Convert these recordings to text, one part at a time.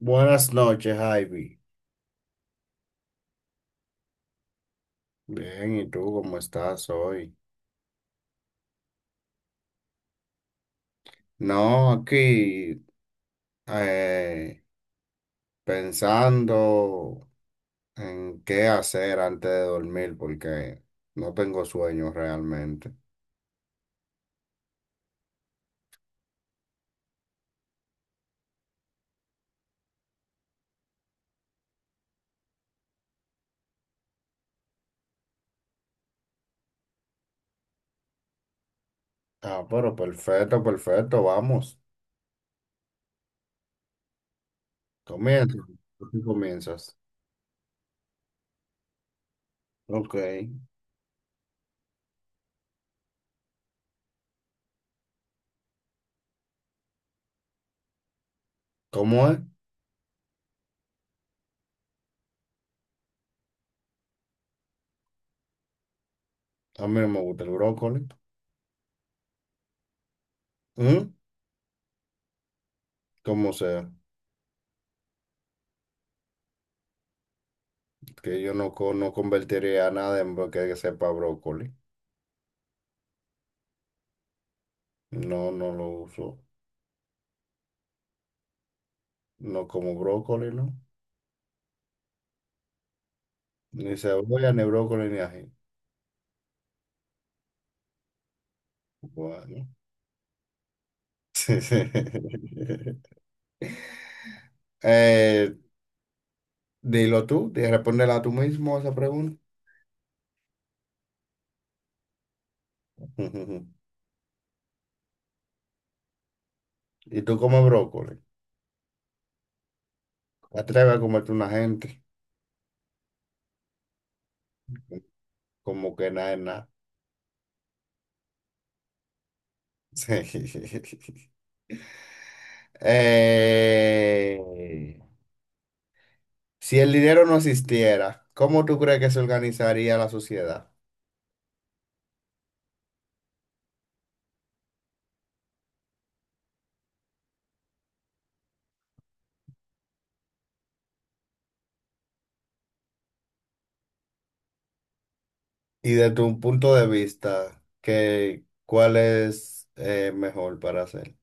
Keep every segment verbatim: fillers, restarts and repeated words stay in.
Buenas noches, Ivy. Bien, ¿y tú cómo estás hoy? No, aquí eh, pensando en qué hacer antes de dormir porque no tengo sueño realmente. Ah, pero perfecto, perfecto, vamos. Comienza. Tú comienzas. Ok. ¿Cómo es? A mí no me gusta el brócoli. ¿Mm? ¿Cómo sea? Que yo no, co- no convertiría nada en bro- que sepa brócoli. No, no lo uso. No como brócoli, ¿no? Ni cebolla, ni brócoli, ni ají. Bueno. Eh, dilo tú, di- respóndela tú mismo a esa pregunta. Ujú. ¿Y tú comes brócoli? ¿Te atreves a comerte una gente? Como que nada es nada. Eh, si el dinero no existiera, ¿cómo tú crees que se organizaría la sociedad? Y de tu punto de vista, ¿qué, cuál es eh, mejor para hacer?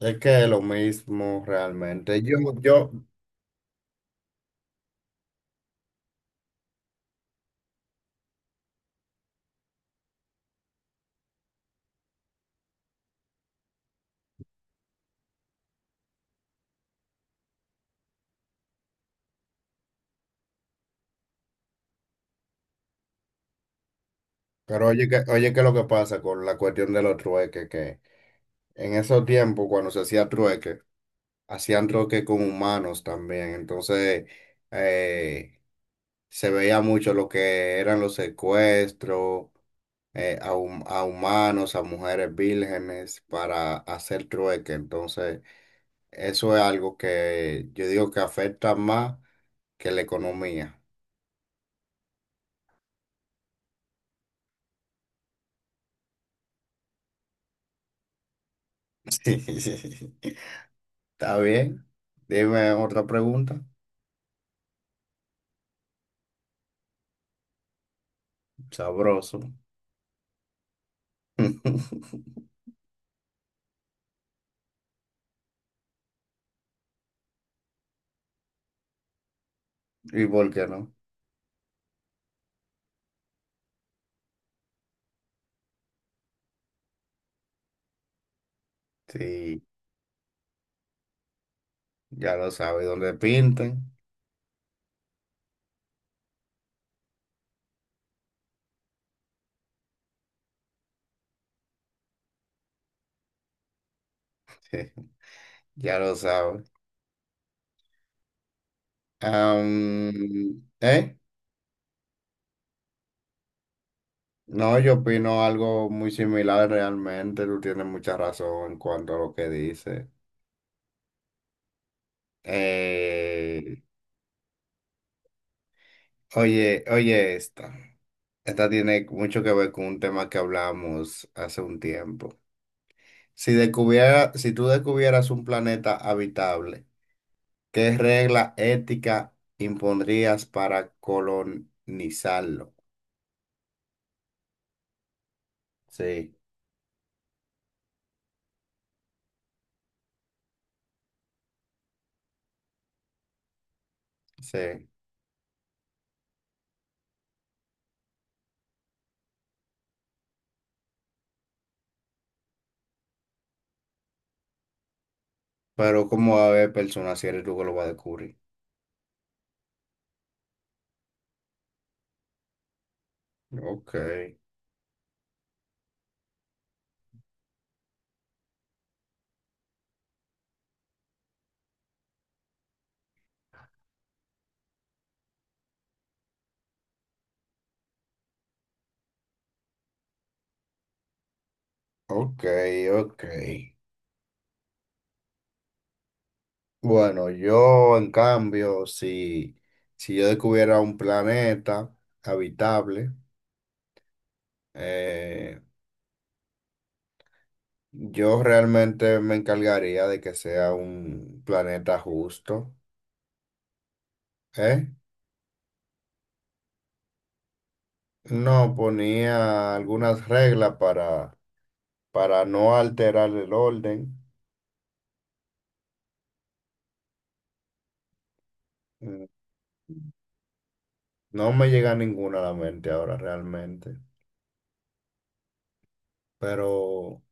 Es que es lo mismo realmente. Yo, yo, pero oye, que, oye, ¿qué es lo que pasa con la cuestión de los trueques? Que en esos tiempos, cuando se hacía trueque, hacían trueque con humanos también. Entonces, eh, se veía mucho lo que eran los secuestros, eh, a, hum- a humanos, a mujeres vírgenes para hacer trueque. Entonces, eso es algo que yo digo que afecta más que la economía. Sí. Está bien. Dime otra pregunta. Sabroso. ¿Y por qué no? Sí, ya lo sabe. ¿Dónde pinten? Sí, ya lo sabe. Am, ¿eh? No, yo opino algo muy similar realmente. Tú tienes mucha razón en cuanto a lo que dices. Oye, oye esta. Esta tiene mucho que ver con un tema que hablamos hace un tiempo. Si descubiera, si tú descubieras un planeta habitable, ¿qué regla ética impondrías para colonizarlo? Sí, sí. Pero ¿cómo va a haber personas si eres tú que lo va a descubrir? Ok, ok, ok. Bueno, yo en cambio, si, si yo descubiera un planeta habitable, Eh, yo realmente me encargaría de que sea un planeta justo, ¿eh? No ponía algunas reglas para, para no alterar el orden. Mm, no me llega ninguna a la mente ahora realmente, pero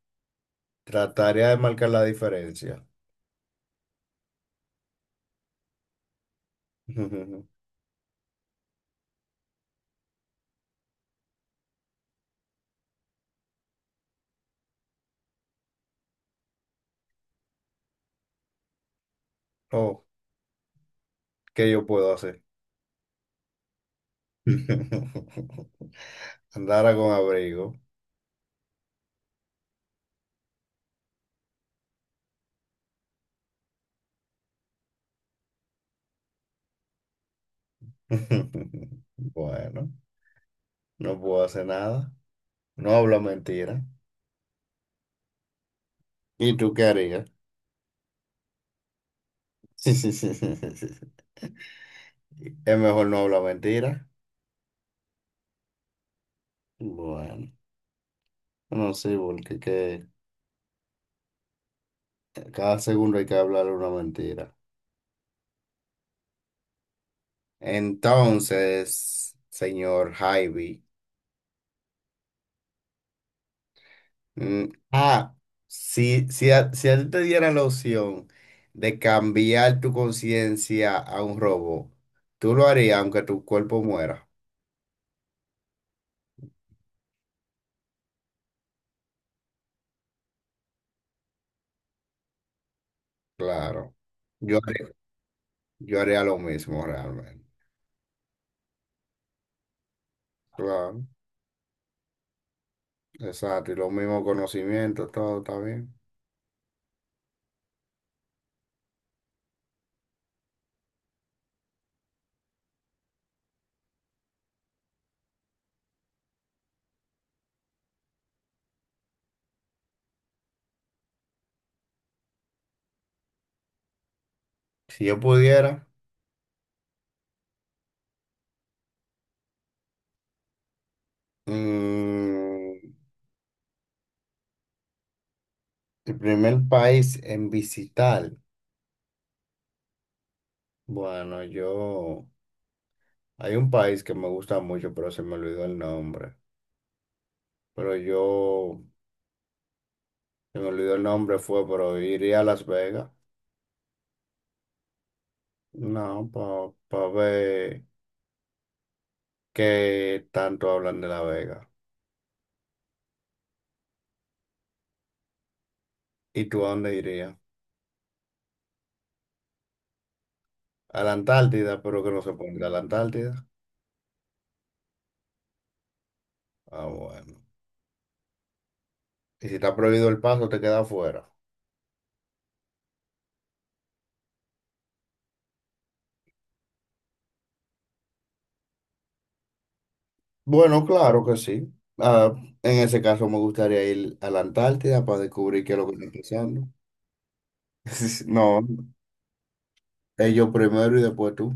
trataría de marcar la diferencia. Oh, ¿qué yo puedo hacer? Andara con abrigo. Bueno, no puedo hacer nada. No hablo mentira. ¿Y tú qué harías? Sí, sí, sí, sí, sí, sí. Es mejor no hablar mentira. Bueno, no sé, porque que cada segundo hay que hablar una mentira. Entonces, señor Javi, mm, ah, si, si, a, si a ti te diera la opción de cambiar tu conciencia a un robot, ¿tú lo harías aunque tu cuerpo muera? Claro. Yo haría, yo haría lo mismo realmente. Claro. Exacto, y los mismos conocimientos, todo está bien. Si yo pudiera, mm, el primer país en visitar, bueno, yo, hay un país que me gusta mucho, pero se me olvidó el nombre. Pero yo, se me olvidó el nombre, fue, pero iría a Las Vegas. No, para ver qué tanto hablan de La Vega. ¿Y tú a dónde irías? A la Antártida, pero que no se ponga a la Antártida. Ah, bueno. Y si está prohibido el paso, te quedas afuera. Bueno, claro que sí. Ah, en ese caso me gustaría ir a la Antártida para descubrir qué es lo que está pasando. No, ellos primero y después tú.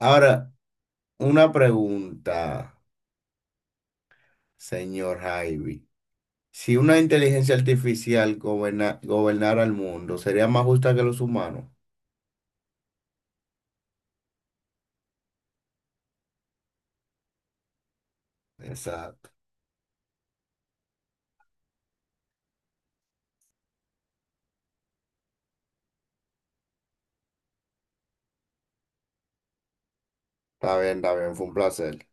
Ahora, una pregunta, señor Javi. Si una inteligencia artificial goberna- gobernara el mundo, ¿sería más justa que los humanos? Exacto. Está bien, está bien, fue un placer.